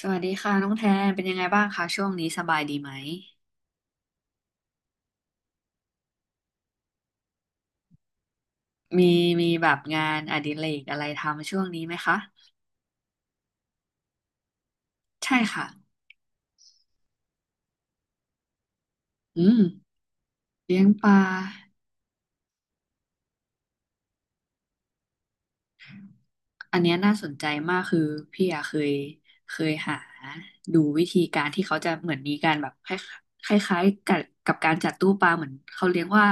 สวัสดีค่ะน้องแทนเป็นยังไงบ้างคะช่วงนี้สบายดีไหมมีมีแบบงานอดิเรกอะไรทำช่วงนี้ไหมคะใช่ค่ะอืมเลี้ยงปลาอันเนี้ยน่าสนใจมากคือพี่อะเคยหาดูวิธีการที่เขาจะเหมือนมีการแบบคล้ายคล้ายๆกับกับการจัดตู้ปลาเหมือนเขาเรียกว่า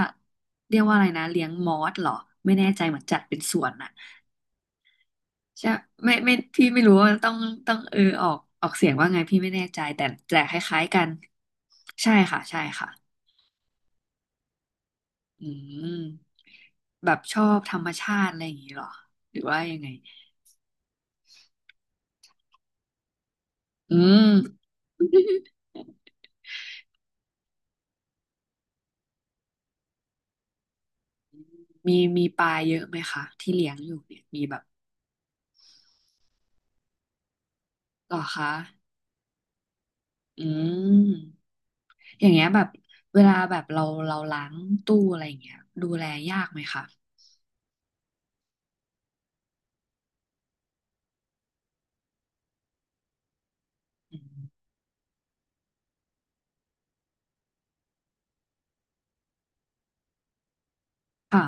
เรียกว่าอะไรนะเลี้ยงมอสเหรอไม่แน่ใจเหมือนจัดเป็นสวนอะ ใช่ไม่พี่ไม่รู้ว่าต้องต้องเออออกเสียงว่าไงพี่ไม่แน่ใจแต่แต่คล้ายๆกันใช่ค่ะใช่ค่ะอืมแบบชอบธรรมชาติอะไรอย่างนี้เหรอหรือว่ายังไงอืม มีปลาเยอะไหมคะที่เลี้ยงอยู่เนี่ยมีแบบเหรอคะอืมอย่างเงี้ยแบบเวลาแบบเราล้างตู้อะไรอย่างเงี้ยดูแลยากไหมคะอืมค่ะ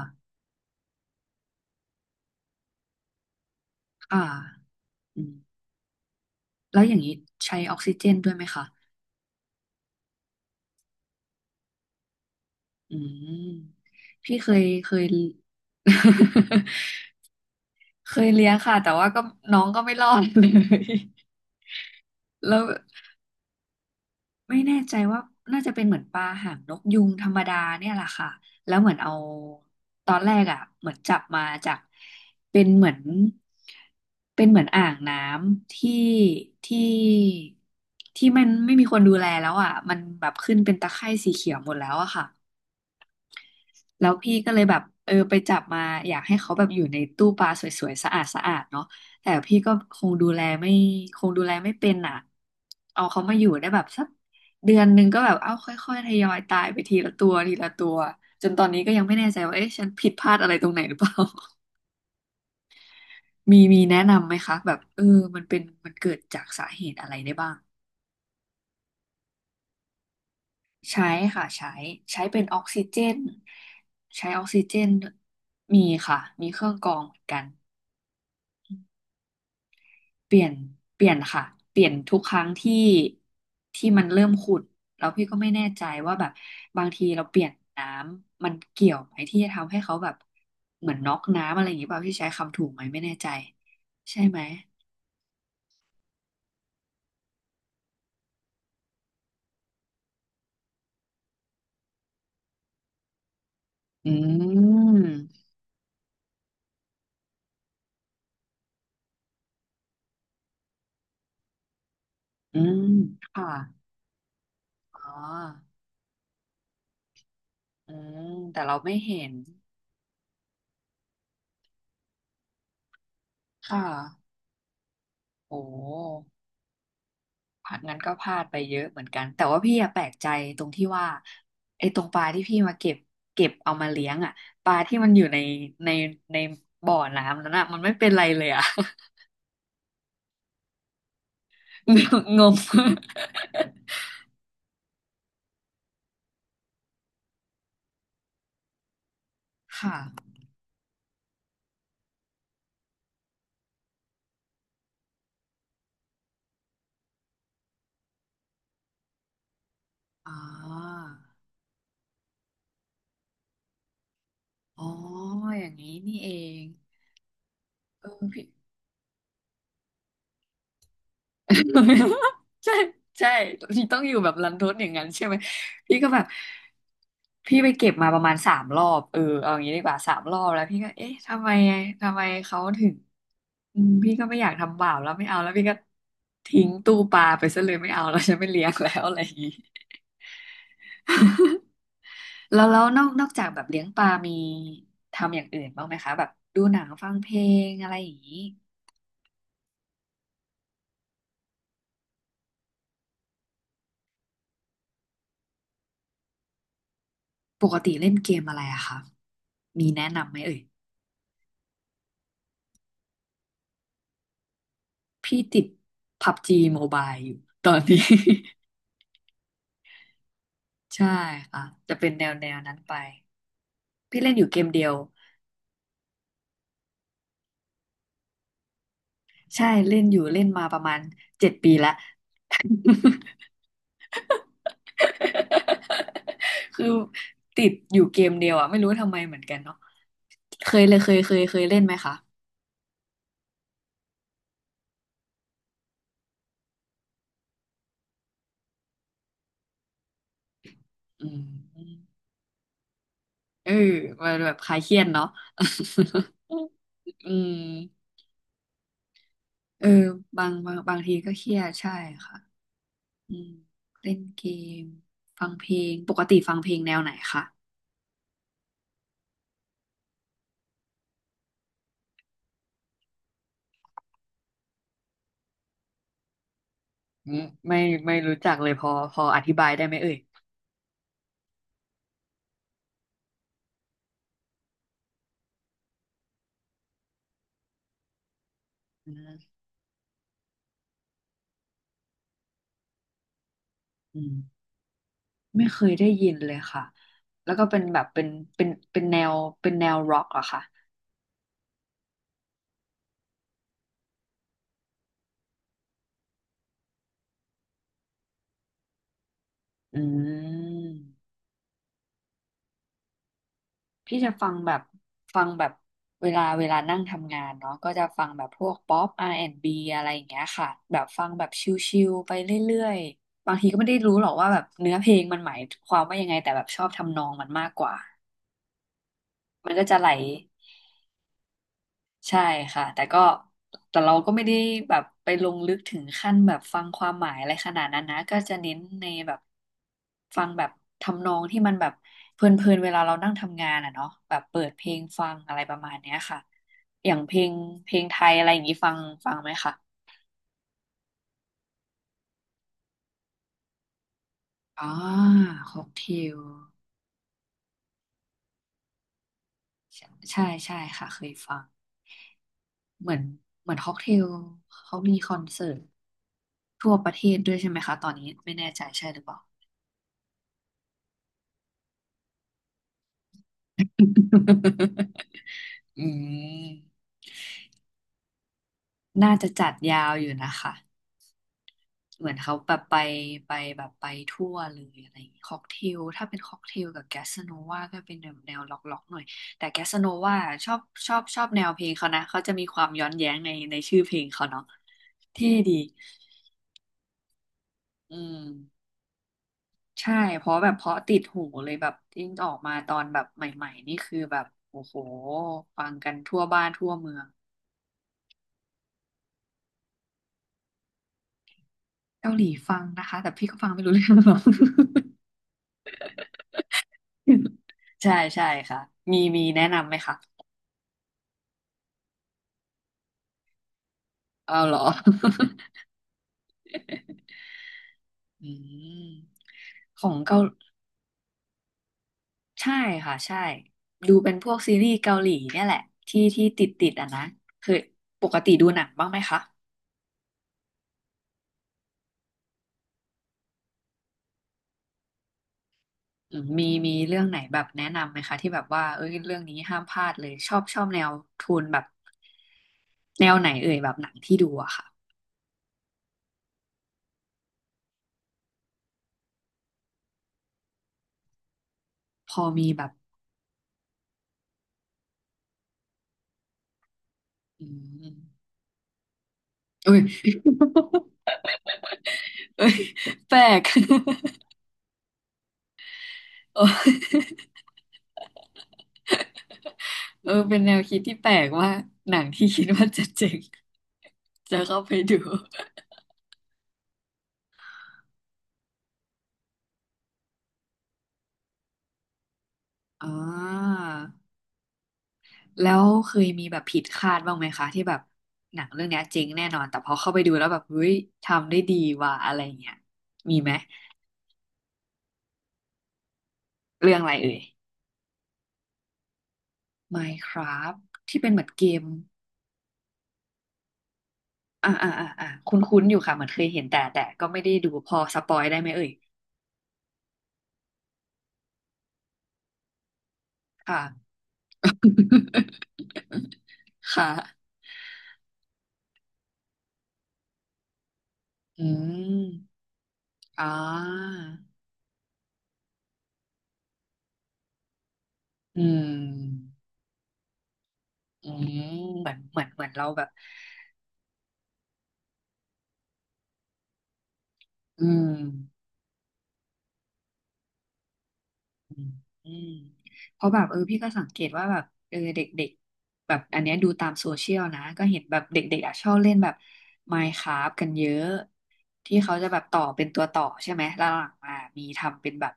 ค่ะอืมแล้วอย่างนี้ใช้ออกซิเจนด้วยไหมคะ อืมพี่เคย เคยเลี้ยงค่ะแต่ว่าก็น้องก็ไม่รอด เลยแล้วไม่แน่ใจว่าน่าจะเป็นเหมือนปลาหางนกยุงธรรมดาเนี่ยแหละค่ะแล้วเหมือนเอาตอนแรกอ่ะเหมือนจับมาจากเป็นเหมือนเป็นเหมือนอ่างน้ำที่ที่ที่มันไม่มีคนดูแลแล้วอ่ะมันแบบขึ้นเป็นตะไคร่สีเขียวหมดแล้วอะค่ะ แล้วพี่ก็เลยแบบเออไปจับมาอยากให้เขาแบบอยู่ในตู้ปลาสวยๆสะอาดสะอาดเนาะแต่พี่ก็คงดูแลไม่คงดูแลไม่เป็นอ่ะเอาเขามาอยู่ได้แบบสักเดือนหนึ่งก็แบบเอาค่อยๆทยอยตายไปทีละตัวทีละตัวจนตอนนี้ก็ยังไม่แน่ใจว่าเอ๊ะฉันผิดพลาดอะไรตรงไหนหรือเปล่า มีแนะนำไหมคะแบบเออมันเกิดจากสาเหตุอะไรได้บ้างใช้ค่ะใช้ใช้เป็นออกซิเจนใช้ออกซิเจนมีค่ะมีเครื่องกรองเหมือนกัน เปลี่ยนเปลี่ยนค่ะเปลี่ยนทุกครั้งที่ที่มันเริ่มขุ่นแล้วพี่ก็ไม่แน่ใจว่าแบบบางทีเราเปลี่ยนน้ำมันเกี่ยวไหมที่จะทำให้เขาแบบเหมือนน็อกน้ำอะไรอย่างนี้เปล่าพี่ใช้คำถูกไหมไม่แน่ใจใช่ไหมอืมอืมค่ะอ๋ออืมแต่เราไม่เห็นค่ะโอ้ พลาดงั้นก็พลาดไปเยอะเหมือนกันแต่ว่าพี่อะแปลกใจตรงที่ว่าไอ้ตรงปลาที่พี่มาเก็บเก็บเอามาเลี้ยงอะปลาที่มันอยู่ในในในบ่อน้ำนั้นอะมันไม่เป็นไรเลยอะ งงค่ะอ๋ออ๋ออย่างนี้นี่เองเออพี่ ใช่ใช่พี่ต้องอยู่แบบรันทดอย่างนั้นใช่ไหมพี่ก็แบบพี่ไปเก็บมาประมาณสามรอบเออเอาอย่างนี้ดีกว่าสามรอบแล้วพี่ก็เอ๊ะทำไมทำไมเขาถึงอืมพี่ก็ไม่อยากทำบาปแล้วไม่เอาแล้วพี่ก็ทิ้งตู้ปลาไปซะเลยไม่เอาแล้วฉันไม่เลี้ยงแล้วอะไรอย่างนี้ แล้วนอกจากแบบเลี้ยงปลามีทำอย่างอื่นบ้างไหมคะแบบดูหนังฟังเพลงอะไรอย่างนี้ปกติเล่นเกมอะไรอะคะมีแนะนำไหมเอ่ย พี่ติดพับจีโมบายอยู่ตอนนี้ ใช่ค่ะจะเป็นแนวนั้นไปพี่เล่นอยู่เกมเดียวใช่เล่นอยู่เล่นมาประมาณเจ็ดปีละ คือติดอยู่เกมเดียวอ่ะไม่รู้ทำไมเหมือนกันเนาะเคยเลยเคยเล่นไหมคะอืมเออมันแบบคลายเครียดเนาะ อืมเออบางทีก็เครียดใช่ค่ะอืมเล่นเกมฟังเพลงปกติฟังเพลงแนวไหนคะ อืมไม่ไม่รู้จักเลยพออธิบายได้ไหมเอ่ยอืมอืมไม่เคยได้ยินเลยค่ะแล้วก็เป็นแบบเป็นเป็นแนวเป็นแนวร็อกเหรอคะอืมพี่จะฟังแบบฟังแบบเวลานั่งทำงานเนาะก็จะฟังแบบพวกป๊อป R&B อนด์บีอะไรอย่างเงี้ยค่ะแบบฟังแบบชิลๆไปเรื่อยๆบางทีก็ไม่ได้รู้หรอกว่าแบบเนื้อเพลงมันหมายความว่ายังไงแต่แบบชอบทำนองมันมากกว่ามันก็จะไหล ใช่ค่ะแต่ก็แต่เราก็ไม่ได้แบบไปลงลึกถึงขั้นแบบฟังความหมายอะไรขนาดนั้นนะก็จะเน้นในแบบฟังแบบทำนองที่มันแบบเพลินๆเวลาเรานั่งทำงานอ่ะเนาะแบบเปิดเพลงฟังอะไรประมาณเนี้ยค่ะอย่างเพลงเพลงไทยอะไรอย่างนี้ฟังฟังไหมคะอ่าค็อกเทลใใช่ค่ะเคยฟังเหมือนเหมือนค็อกเทลเขามีคอนเสิร์ตทั่วประเทศด้วยใช่ไหมคะตอนนี้ไม่แน่ใจใช่หรือเปล่า อืมน่าจะจัดยาวอยู่นะคะ เหมือนเขาแบบไปไปแบบไปทั่วเลยอะไรอย่างงี้ค็อกเทลถ้าเป็นค็อกเทลกับแกสโนวาก็เป็นแนวล็อกๆหน่อยแต่แกสโนวาชอบชอบแนวเพลงเขานะเขาจะมีความย้อนแย้งในชื่อเพลงเขาเนาะเท่ดีอืมใช่เพราะติดหูเลยแบบยิ่งออกมาตอนแบบใหม่ๆนี่คือแบบโอ้โหฟังกันทั่วบ้านทั่วเมือง เกาหลีฟังนะคะแต่พี่ก็ฟังไม่รู้เรื่องหรอก ใช่ค่ะมีแนะนำไหมคะเอาเหรอ อืมของเกาใช่ค่ะใช่ดูเป็นพวกซีรีส์เกาหลีเนี่ยแหละที่ติดอ่ะนะเคยปกติดูหนังบ้างไหมคะอืมมีมีเรื่องไหนแบบแนะนำไหมคะที่แบบว่าเอ้ยเรื่องนี้ห้ามพลาดเลยชอบแนวโทนแบบแนวไหนเอ่ยแบบหนังที่ดูอะค่ะพอมีแบบอืมเอ้ย เอ้ยแปลก เอ้เออเป็นแนวคิดที่แปลกว่าหนังที่คิดว่าจะเจ๋ง จะเข้าไปดู อ่าแล้วเคยมีแบบผิดคาดบ้างไหมคะที่แบบหนังเรื่องเนี้ยเจ๋งแน่นอนแต่พอเข้าไปดูแล้วแบบเฮ้ยทำได้ดีว่ะอะไรเงี้ยมีไหมเรื่องอะไรเอ่ย Minecraft ที่เป็นเหมือนเกมอ่าคุ้นๆอยู่ค่ะเหมือนเคยเห็นแต่แต่ก็ไม่ได้ดูพอสปอยได้ไหมเอ่ยค่ะ ค่ะ อืมอ่าอืมอืมเหมือนเราแบบอืมอืมอืมเพราะแบบเออพี่ก็สังเกตว่าแบบเออเด็กๆแบบอันเนี้ยดูตามโซเชียลนะก็เห็นแบบเด็กๆอ่ะชอบเล่นแบบ Minecraft กันเยอะที่เขาจะแบบต่อเป็นตัวต่อใช่ไหมแล้วหลังมามีทำเป็นแบบ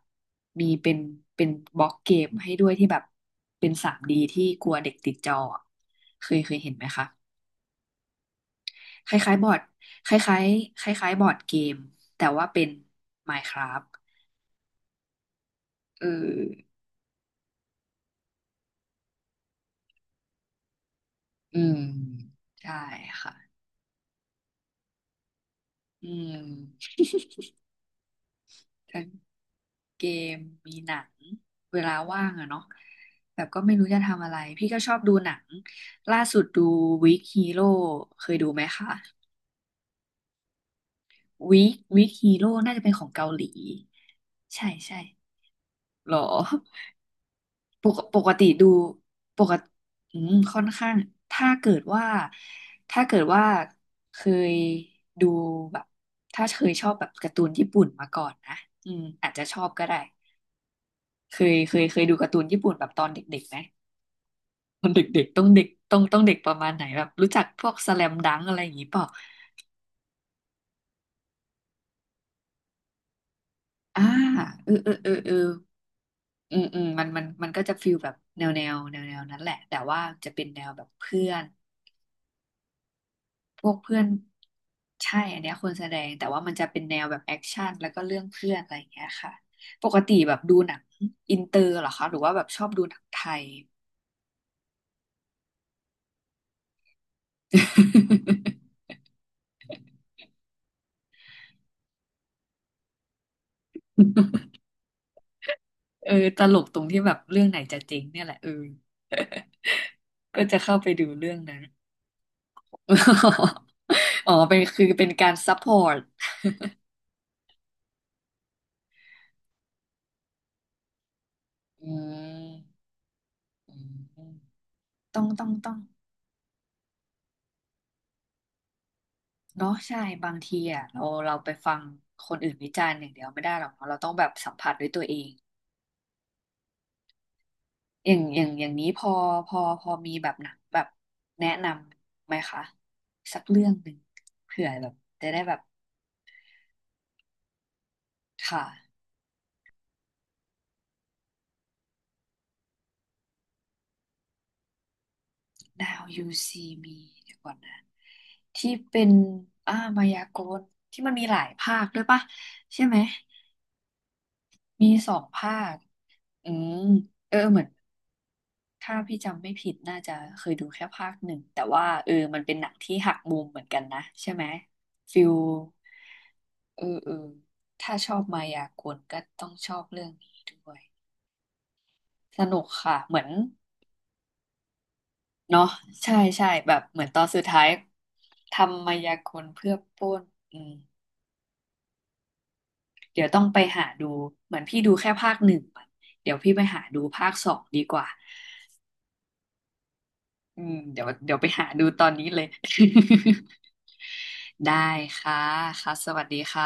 มีเป็นบล็อกเกมให้ด้วยที่แบบเป็นทรีดีที่กลัวเด็กติดจออะเคยเห็นไหมคะ คล้ายๆบอร์ดคล้ายๆคล้ายๆบอร์ดเกม แต่ว่าเป็น Minecraft เอออืม ใช่ค่ะอืมทั้งเกมมีหนัง เวลาว่างอะเนาะแบบก็ไม่รู้จะทำอะไร พี่ก็ชอบดูหนัง ล่าสุดดู Weak Hero เคยดูไหมคะ Weak Hero น่าจะเป็นของเกาหลี ใช่ใช่หรอ ปกปกติดูปกติอืมค่อนข้างถ้าเกิดว่าถ้าเกิดว่าเคยดูแบบถ้าเคยชอบแบบการ์ตูนญี่ปุ่นมาก่อนนะอืมอาจจะชอบก็ได้เคยดูการ์ตูนญี่ปุ่นแบบตอนเด็กๆไหมตอนเด็กๆต้องเด็กต้องเด็กประมาณไหนแบบรู้จักพวกสแลมดังอะไรอย่างงี้เปล่าอ่าเออเออเออเอออืมอืมมันก็จะฟีลแบบแนวนั้นแหละแต่ว่าจะเป็นแนวแบบเพื่อน พวกเพื่อนใช่อันเนี้ยคนแสดงแต่ว่ามันจะเป็นแนวแบบแอคชั่นแล้วก็เรื่องเพื่อนอะไรอย่างเงี้ยค่ะปกติแบบดูหนังอินเตอร์เหรอคะหรือว่าแบบชอบดูหนังไทย เออตลกตรงที่แบบเรื่องไหนจะเจริงเนี่ยแหละเออ ก็จะเข้าไปดูเรื่องนั้น อ๋อเป็นคือเป็นการซัพพอร์ตอืมอืมต้อง เนาะใช่บางทีอ่ะเราไปฟังคนอื่นวิจารณ์อย่างเดียวไม่ได้หรอกเนาะเราต้องแบบสัมผัสด้วยตัวเองอย่างนี้พอพอมีแบบหนังแบบแนะนำไหมคะสักเรื่องหนึ่งเผื่อแบบจะได้แบบค่ะ Now You See Me เดี๋ยวก่อนนะที่เป็นอ่ามายากลที่มันมีหลายภาคด้วยปะใช่ไหมมีสองภาคอืมเออเหมือน ถ้าพี่จำไม่ผิดน่าจะเคยดูแค่ภาคหนึ่งแต่ว่าเออมันเป็นหนังที่หักมุมเหมือนกันนะใช่ไหมฟิลเออเออถ้าชอบมายากลก็ต้องชอบเรื่องนี้ด้วยสนุกค่ะเหมือนเนาะใช่แบบเหมือนตอนสุดท้ายทำมายากลเพื่อปล้นอืมเดี๋ยวต้องไปหาดูเหมือนพี่ดูแค่ภาคหนึ่งอะเดี๋ยวพี่ไปหาดูภาคสองดีกว่า อืมเดี๋ยวไปหาดูตอนนี้เลย ได้ค่ะค่ะสวัสดีค่ะ